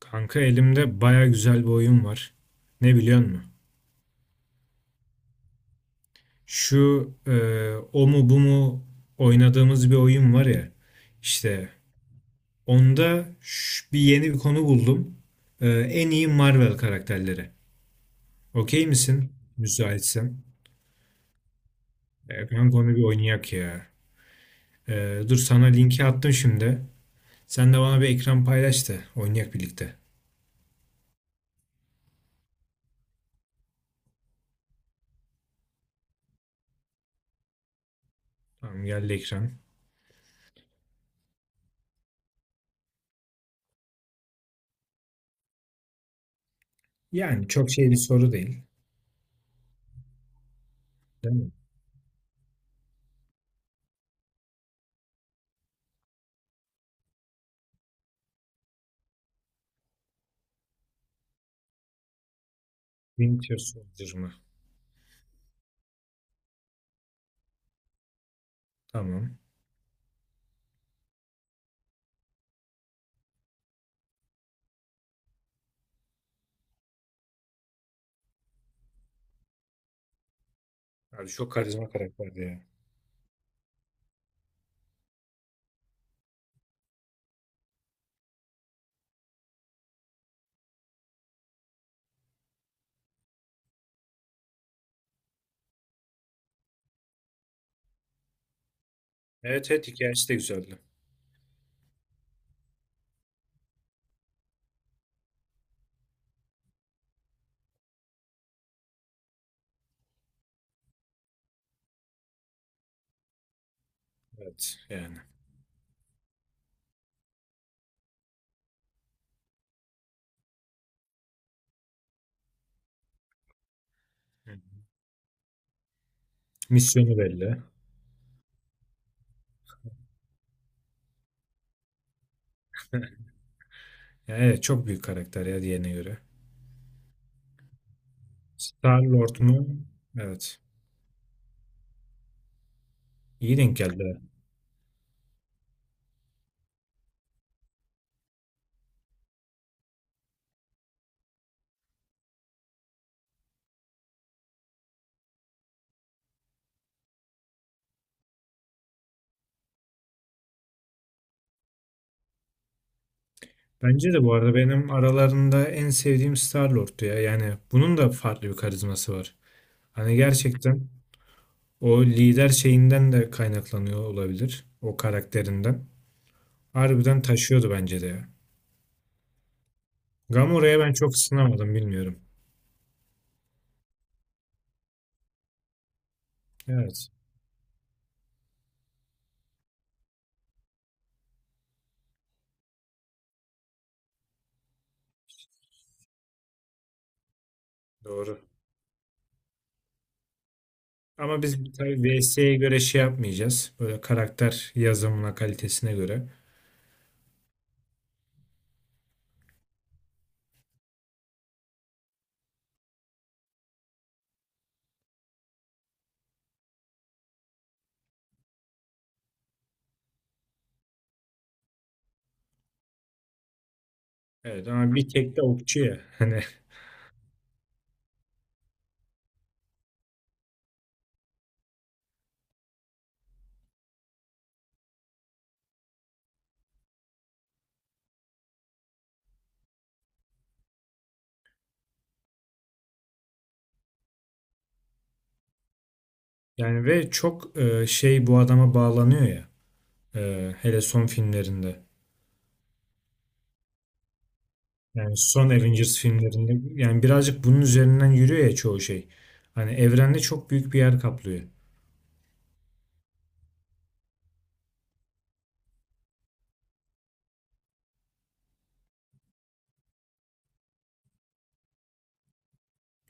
Kanka elimde baya güzel bir oyun var. Ne biliyor musun? Şu e, O mu bu mu oynadığımız bir oyun var ya. İşte onda bir yeni bir konu buldum. En iyi Marvel karakterleri. Okey misin? Müsaitsen. Kanka onu bir oynayak ya. Dur sana linki attım şimdi. Sen de bana bir ekran paylaş da oynayak birlikte. Tamam, geldi ekran. Yani çok şey bir soru değil. Değil mi? Winter Soldier mı? Tamam. Abi çok karizma karakterdi ya. Evet, evet, hikayesi de güzeldi. Evet yani. Hı hı. Misyonu belli. Yani evet, çok büyük karakter ya diğerine göre. Star-Lord mu? Evet. İyi denk geldi. Bence de bu arada benim aralarında en sevdiğim Star-Lord'tu ya. Yani bunun da farklı bir karizması var. Hani gerçekten o lider şeyinden de kaynaklanıyor olabilir. O karakterinden. Harbiden taşıyordu bence de ya. Gamora'ya ben çok ısınamadım bilmiyorum. Evet. Doğru. Ama biz tabii VS'ye göre şey yapmayacağız. Böyle karakter yazımına kalitesine göre. Evet ama bir tek de okçu ya. Hani ve çok şey bu adama bağlanıyor ya. Hele son filmlerinde. Yani son Avengers filmlerinde. Yani birazcık bunun üzerinden yürüyor ya çoğu şey. Hani evrende çok büyük bir yer kaplıyor.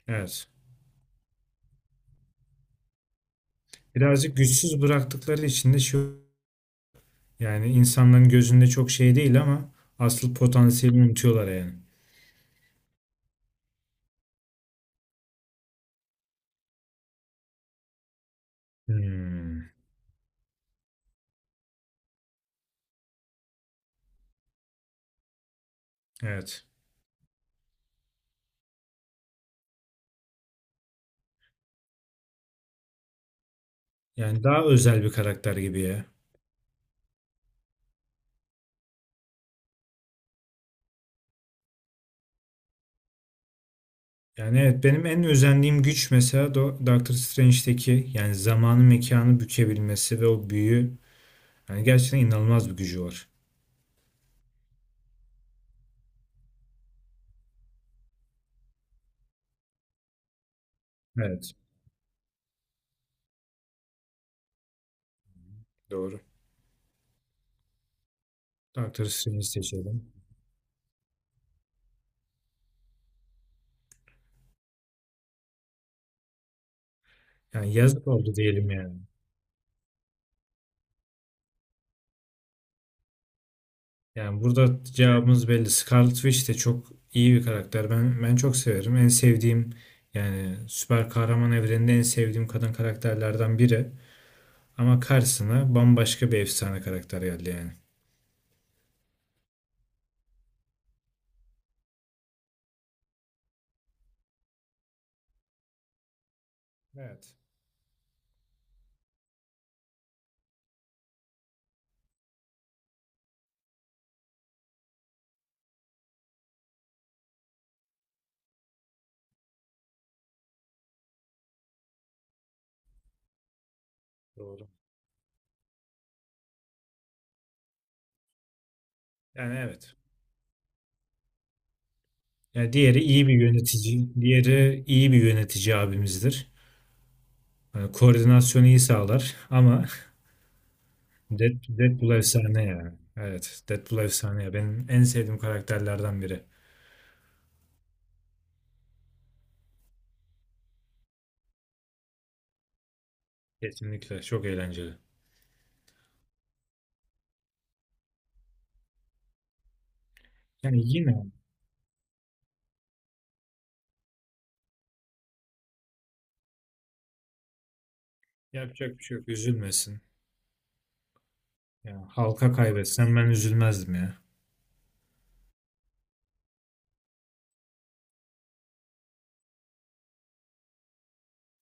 Evet. Birazcık güçsüz bıraktıkları için de şu yani insanların gözünde çok şey değil ama asıl potansiyelini unutuyorlar yani. Hmm, evet. Yani daha özel bir karakter gibi ya. Yani evet, benim en özendiğim güç mesela Doctor Strange'deki, yani zamanı mekanı bükebilmesi ve o büyü, yani gerçekten inanılmaz bir gücü var. Evet, doğru. Doctor Strange'i seçelim. Yani yazık oldu diyelim yani. Yani burada cevabımız belli. Scarlet Witch de çok iyi bir karakter. Ben çok severim. En sevdiğim, yani süper kahraman evreninde en sevdiğim kadın karakterlerden biri. Ama karşısına bambaşka bir efsane karakter geldi yani. Evet. Doğru. Yani evet. Yani diğeri iyi bir yönetici, diğeri iyi bir yönetici abimizdir. Yani koordinasyonu iyi sağlar ama Deadpool efsane yani. Evet, Deadpool efsane ya. Benim en sevdiğim karakterlerden biri. Kesinlikle çok eğlenceli. Yani yine yapacak bir şey yok. Üzülmesin. Ya halka kaybetsen ben üzülmezdim ya.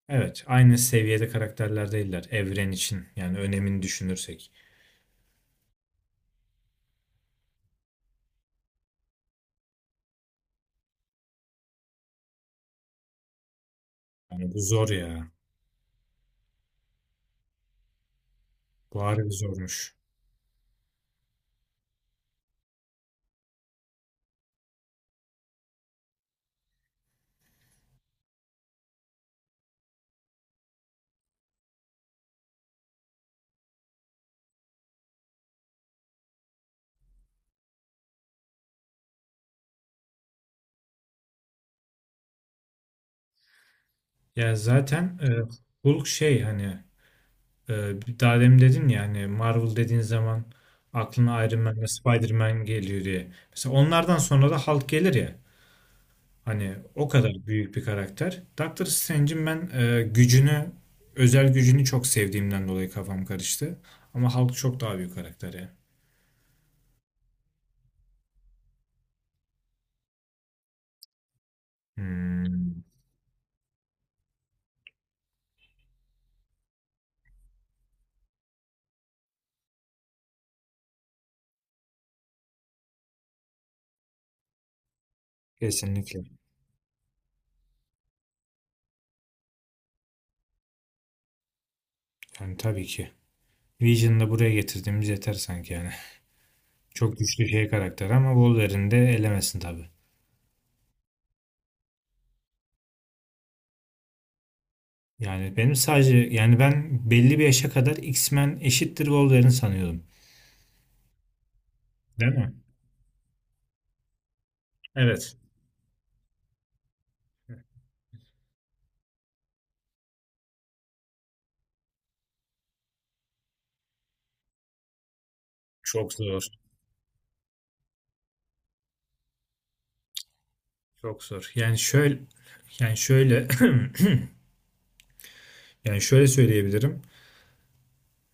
Evet, aynı seviyede karakterler değiller evren için. Yani önemini düşünürsek. Yani bu zor ya. Bu harbi zormuş. Ya zaten e, Hulk şey hani Ee, daha demin dedin ya hani Marvel dediğin zaman aklına Iron Man ve Spider-Man geliyor diye. Mesela onlardan sonra da Hulk gelir ya. Hani o kadar büyük bir karakter. Doctor Strange'in ben gücünü, özel gücünü çok sevdiğimden dolayı kafam karıştı. Ama Hulk çok daha büyük karakter ya. Hmm, kesinlikle. Yani tabii ki. Vision'ı da buraya getirdiğimiz yeter sanki yani. Çok güçlü şey karakter ama Wolverine de elemesin tabii. Yani benim sadece, yani ben belli bir yaşa kadar X-Men eşittir Wolverine sanıyordum. Değil mi? Evet. Çok zor. Çok zor. Yani şöyle, yani şöyle söyleyebilirim.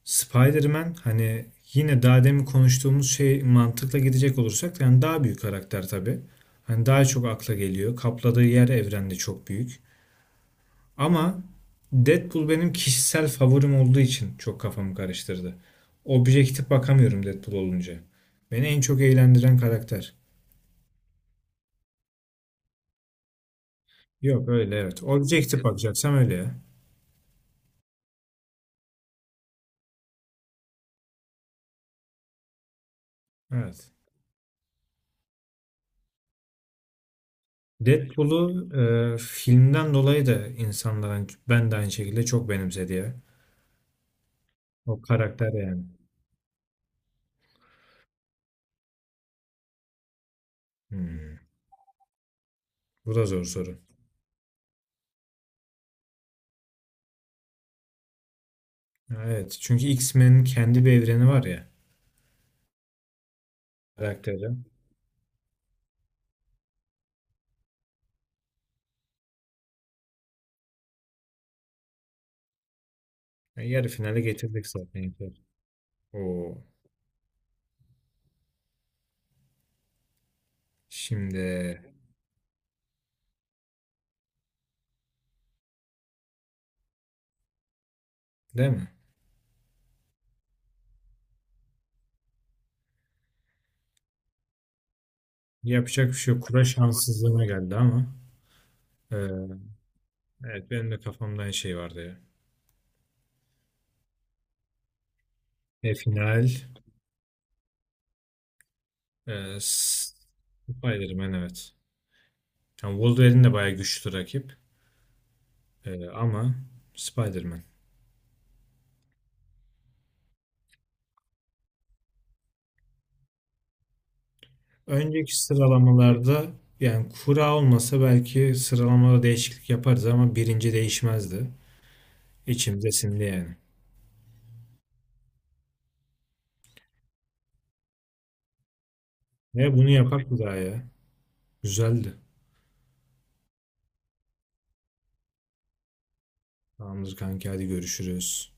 Spider-Man hani, yine daha demin konuştuğumuz şey mantıkla gidecek olursak yani daha büyük karakter tabii. Hani daha çok akla geliyor. Kapladığı yer evrende çok büyük. Ama Deadpool benim kişisel favorim olduğu için çok kafamı karıştırdı. Objektif bakamıyorum Deadpool olunca. Beni en çok eğlendiren karakter. Yok öyle evet. Objektif bakacaksam öyle ya. Evet. Deadpool'u filmden dolayı da insanların ben de aynı şekilde çok benimsedi ya. O karakter yani. Hmm, bu da zor soru. Ha, evet. Çünkü X-Men'in kendi bir evreni var ya. Karakteri. Ya, yarı finale getirdik zaten, yeter. Oo. Şimdi değil mi? Yapacak bir şey yok. Kura şanssızlığına geldi ama. Ee, evet benim de kafamda aynı şey vardı ya. E, final. E, S- Spider-Man evet. Yani Wolverine de bayağı güçlü rakip. Ama Spider-Man. Önceki sıralamalarda yani kura olmasa belki sıralamada değişiklik yaparız ama birinci değişmezdi. İçimde sindi yani. Ve bunu yapak bir daha ya. Güzeldi. Tamamdır kanki, hadi görüşürüz.